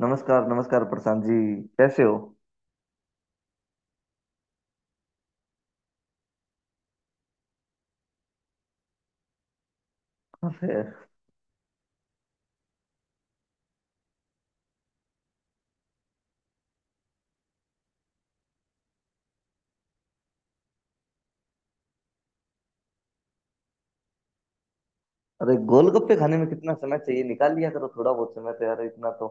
नमस्कार, नमस्कार प्रशांत जी। कैसे हो? अरे अरे गोलगप्पे खाने में कितना समय चाहिए? निकाल लिया करो थोड़ा बहुत समय तो, यार इतना तो।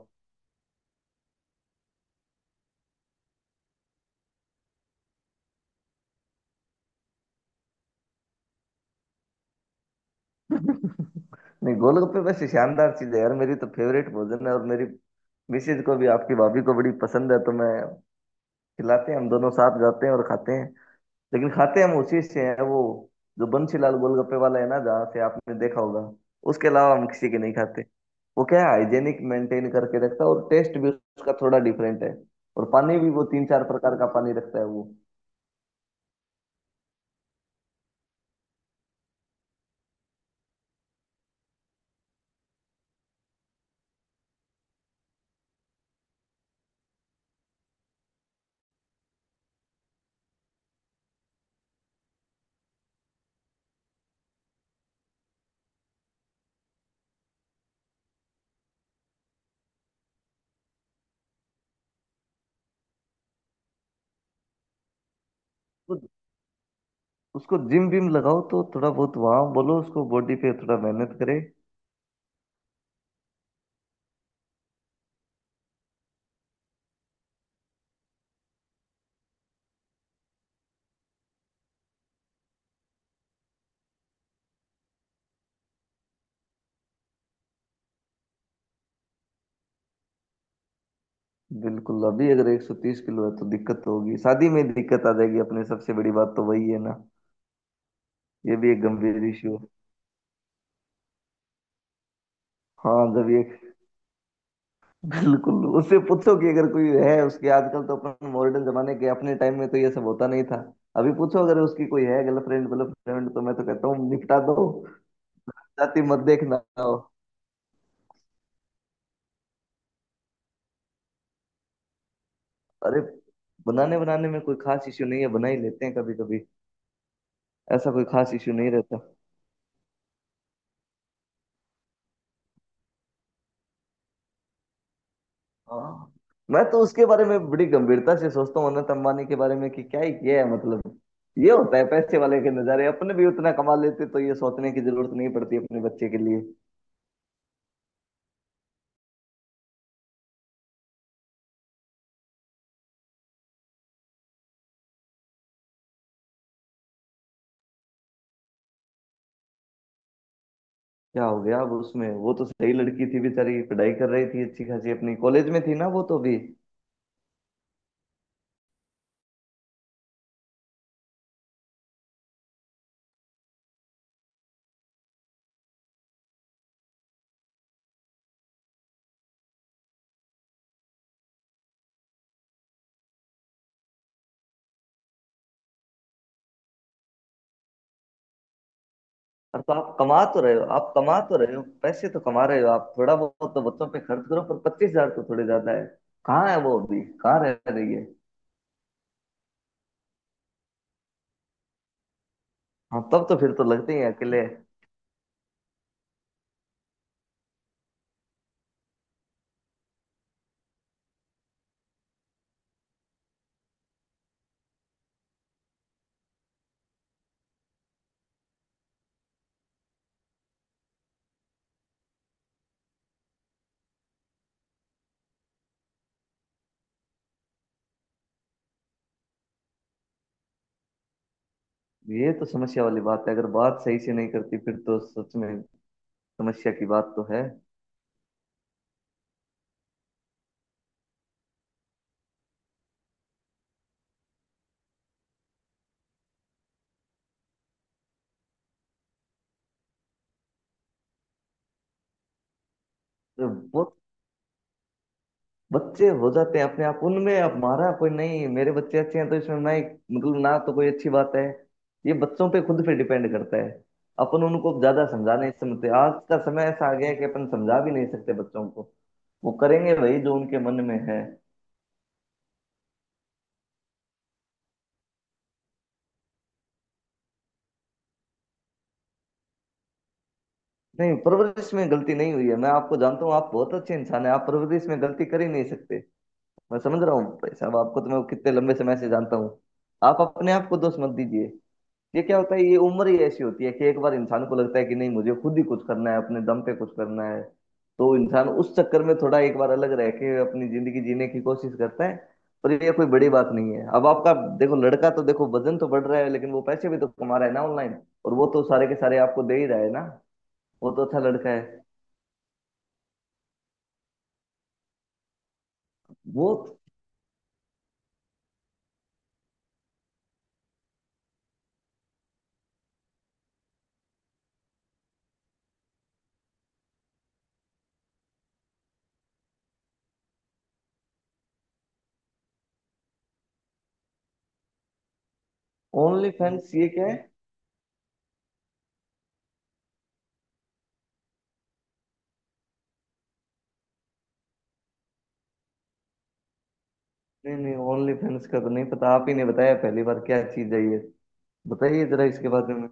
नहीं, गोलगप्पे वैसे शानदार चीज है यार, मेरी तो फेवरेट भोजन है। और मेरी मिसेज को भी, आपकी भाभी को बड़ी पसंद है, तो मैं खिलाते हैं, हम दोनों साथ जाते हैं और खाते हैं। लेकिन खाते हम उसी से हैं, वो जो बंसीलाल गोलगप्पे वाला है ना, जहाँ से आपने देखा होगा। उसके अलावा हम किसी के नहीं खाते। वो क्या है, हाइजेनिक मेंटेन करके रखता है, और टेस्ट भी उसका थोड़ा डिफरेंट है। और पानी भी वो तीन चार प्रकार का पानी रखता है वो। तो उसको जिम विम लगाओ तो थोड़ा बहुत, वहां बोलो उसको बॉडी पे थोड़ा मेहनत करे। बिल्कुल, अभी अगर 130 किलो है तो दिक्कत तो होगी। शादी में दिक्कत आ जाएगी अपने, सबसे बड़ी बात तो वही है ना। ये भी एक गंभीर इश्यू है। हाँ, जब ये, बिल्कुल उससे पूछो कि अगर कोई है उसके। आजकल तो अपन मॉडर्न जमाने के, अपने टाइम में तो ये सब होता नहीं था। अभी पूछो अगर उसकी कोई है गर्लफ्रेंड, गर्लफ्रेंड तो मैं तो कहता हूँ निपटा दो। जाति मत देखना हो। अरे, बनाने बनाने में कोई खास इश्यू नहीं है, बना ही लेते हैं कभी कभी। ऐसा कोई खास इश्यू नहीं रहता। हाँ, मैं तो उसके बारे में बड़ी गंभीरता से सोचता हूँ, अनंत अंबानी के बारे में कि क्या ही किया है, ये होता है पैसे वाले के नजारे। अपने भी उतना कमा लेते तो ये सोचने की जरूरत नहीं पड़ती अपने बच्चे के लिए। क्या हो गया अब उसमें? वो तो सही लड़की थी बेचारी, पढ़ाई कर रही थी अच्छी खासी अपनी कॉलेज में थी ना, वो तो भी। और तो आप कमा तो रहे हो, आप कमा तो रहे हो, पैसे तो कमा रहे हो, आप थोड़ा बहुत तो बच्चों पे खर्च करो। पर पच्चीस हजार तो थोड़े ज्यादा है। कहाँ है वो अभी, कहाँ रह रही है? हाँ, तब तो फिर तो लगते ही हैं अकेले। ये तो समस्या वाली बात है। अगर बात सही से नहीं करती फिर तो सच में समस्या की बात तो है। तो वो बच्चे हो जाते हैं अपने आप, उनमें हमारा कोई नहीं। मेरे बच्चे अच्छे हैं तो इसमें ना एक, ना तो कोई अच्छी बात है। ये बच्चों पे खुद पे डिपेंड करता है। अपन उनको ज्यादा समझा नहीं, समझते आज का समय ऐसा आ गया है कि अपन समझा भी नहीं सकते बच्चों को। वो करेंगे वही जो उनके मन में है। नहीं, परवरिश में गलती नहीं हुई है। मैं आपको जानता हूँ, आप बहुत अच्छे इंसान हैं, आप परवरिश में गलती कर ही नहीं सकते। मैं समझ रहा हूँ भाई साहब, आपको तो मैं कितने लंबे समय से जानता हूँ। आप अपने आप को दोष मत दीजिए। ये क्या होता है, ये उम्र ही ऐसी होती है कि एक बार इंसान को लगता है कि नहीं, मुझे खुद ही कुछ करना है, अपने दम पे कुछ करना है। तो इंसान उस चक्कर में थोड़ा एक बार अलग रह के अपनी जिंदगी जीने की कोशिश करता है। पर ये कोई बड़ी बात नहीं है। अब आपका देखो लड़का तो, देखो वजन तो बढ़ रहा है, लेकिन वो पैसे भी तो कमा रहा है ना ऑनलाइन, और वो तो सारे के सारे आपको दे ही रहा है ना। वो तो अच्छा लड़का है। वो ओनली फैंस ये क्या है? नहीं नहीं, ओनली फैंस का तो नहीं पता, आप ही ने बताया पहली बार, क्या चीज है ये? बताइए जरा इसके बारे में।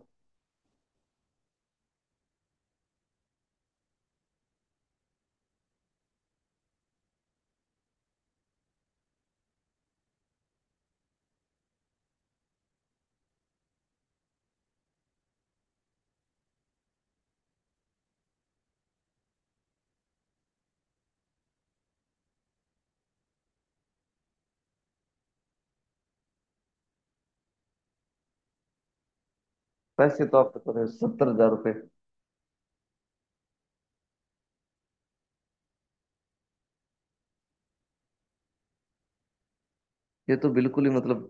पैसे तो आपके तो सत्तर हजार रुपये! ये तो बिल्कुल ही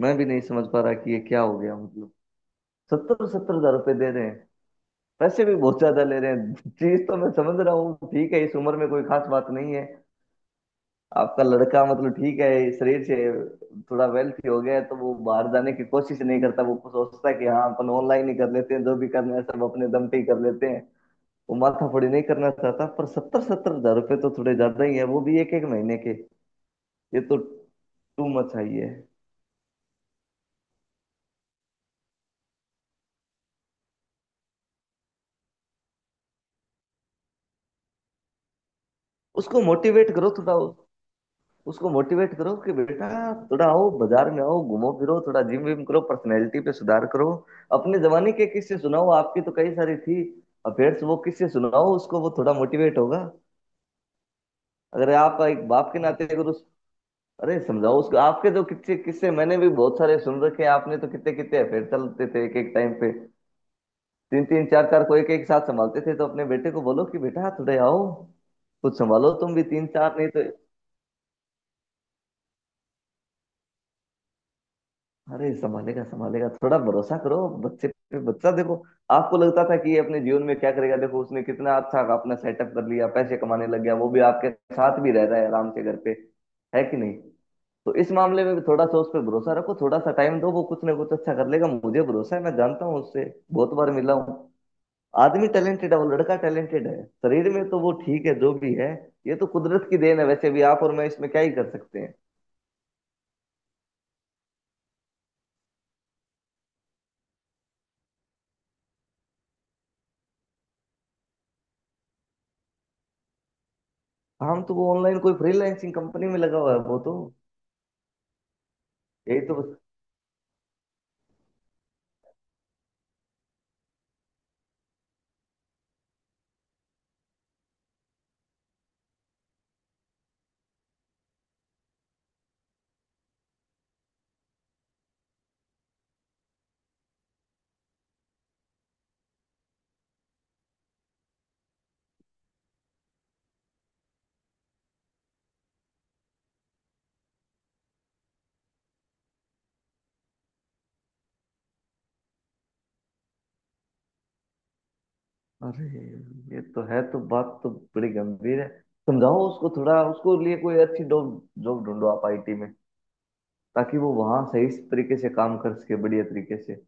मैं भी नहीं समझ पा रहा कि ये क्या हो गया, सत्तर सत्तर हजार रुपये दे रहे हैं, पैसे भी बहुत ज्यादा ले रहे हैं। चीज तो मैं समझ रहा हूँ, ठीक है, इस उम्र में कोई खास बात नहीं है। आपका लड़का, ठीक है, शरीर से थोड़ा वेल्थी हो गया है, तो वो बाहर जाने की कोशिश नहीं करता, वो सोचता है कि हाँ अपन ऑनलाइन ही कर लेते हैं, जो भी करना है सब अपने दम पे ही कर लेते हैं। वो माथापड़ी नहीं करना चाहता। पर सत्तर सत्तर हजार रुपये तो थोड़े ज्यादा ही है, वो भी एक एक महीने के। ये तो टू मच है। उसको मोटिवेट करो थोड़ा, उसको मोटिवेट करो कि बेटा थोड़ा आओ बाजार में, आओ घूमो फिरो, थोड़ा जिम विम करो, पर्सनैलिटी पे सुधार करो। अपने जमाने के किस्से सुनाओ, आपकी तो कई सारी थी अफेयर्स, वो किससे सुनाओ उसको, वो थोड़ा मोटिवेट होगा। अगर आप एक बाप के नाते अगर उस, अरे समझाओ उसको आपके जो किस्से किस्से, मैंने भी बहुत सारे सुन रखे हैं। आपने तो कितने कितने अफेयर चलते थे एक एक टाइम पे, तीन तीन चार चार को एक एक साथ संभालते थे। तो अपने बेटे को बोलो कि बेटा थोड़े आओ, कुछ संभालो तुम भी, तीन चार नहीं तो। अरे, संभालेगा संभालेगा, थोड़ा भरोसा करो बच्चे पे। बच्चा देखो, आपको लगता था कि ये अपने जीवन में क्या करेगा, देखो उसने कितना अच्छा अपना सेटअप कर लिया, पैसे कमाने लग गया, वो भी आपके साथ भी रह रहा है आराम से घर पे, है कि नहीं? तो इस मामले में भी थोड़ा सा उस पर भरोसा रखो, थोड़ा सा टाइम दो, वो कुछ ना कुछ अच्छा कर लेगा, मुझे भरोसा है। मैं जानता हूँ उससे बहुत बार मिला हूँ, आदमी टैलेंटेड है, वो लड़का टैलेंटेड है। शरीर में तो वो ठीक है जो भी है, ये तो कुदरत की देन है, वैसे भी आप और मैं इसमें क्या ही कर सकते हैं। हम तो वो ऑनलाइन कोई फ्रीलांसिंग कंपनी में लगा हुआ है वो तो, यही तो। अरे ये तो है, तो बात तो बड़ी गंभीर है। समझाओ उसको थोड़ा, उसको लिए कोई अच्छी जॉब जॉब ढूंढो आप आईटी में, ताकि वो वहां सही तरीके से काम कर सके, बढ़िया तरीके से।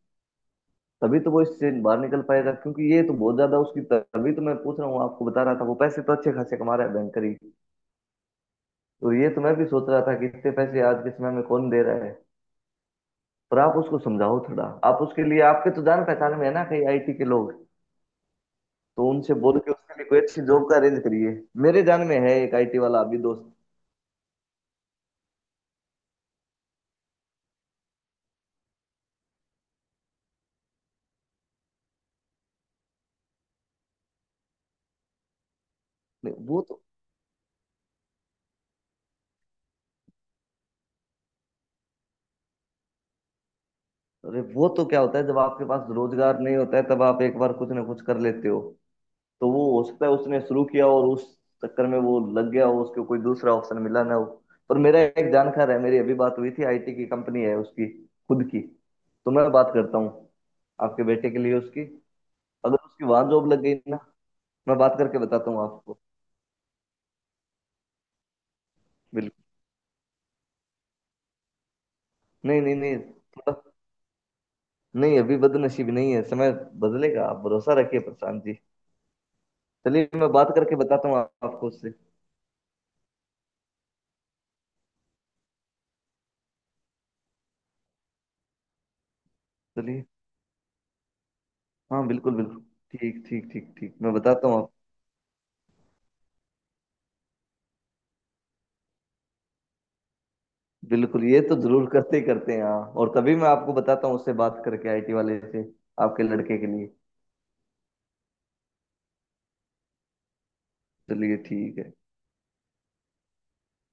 तभी तो वो इससे बाहर निकल पाएगा, क्योंकि ये तो बहुत ज्यादा उसकी, तभी तो मैं पूछ रहा हूँ, आपको बता रहा था, वो पैसे तो अच्छे खासे कमा रहा है बैंकर ही, तो ये तो मैं भी सोच रहा था कि इतने पैसे आज के समय में कौन दे रहा है। पर आप उसको समझाओ थोड़ा, आप उसके लिए, आपके तो जान पहचान में है ना कई आईटी के लोग, तो उनसे बोल के उसके लिए कोई अच्छी जॉब का अरेंज करिए। मेरे जान में है एक आईटी वाला अभी दोस्त। नहीं, वो तो, अरे वो तो क्या होता है जब आपके पास रोजगार नहीं होता है, तब आप एक बार कुछ ना कुछ कर लेते हो। तो वो हो सकता है उसने शुरू किया और उस चक्कर में वो लग गया हो, उसको कोई दूसरा ऑप्शन मिला ना हो। पर मेरा एक जानकार है, मेरी अभी बात हुई थी, आईटी की कंपनी है उसकी खुद की, तो मैं बात करता हूँ आपके बेटे के लिए उसकी। अगर उसकी वहां जॉब लग गई ना, मैं बात करके बताता हूँ आपको। बिल्कुल, नहीं नहीं नहीं, थोड़ा, नहीं अभी बदनसीब नहीं है, समय बदलेगा, आप भरोसा रखिए प्रशांत जी। चलिए मैं बात करके बताता हूँ आपको उससे। चलिए, हाँ बिल्कुल बिल्कुल। ठीक ठीक ठीक ठीक, मैं बताता हूँ आप। बिल्कुल, ये तो जरूर करते ही करते हैं हाँ। और तभी मैं आपको बताता हूँ उससे बात करके आईटी वाले से आपके लड़के के लिए। चलिए ठीक है।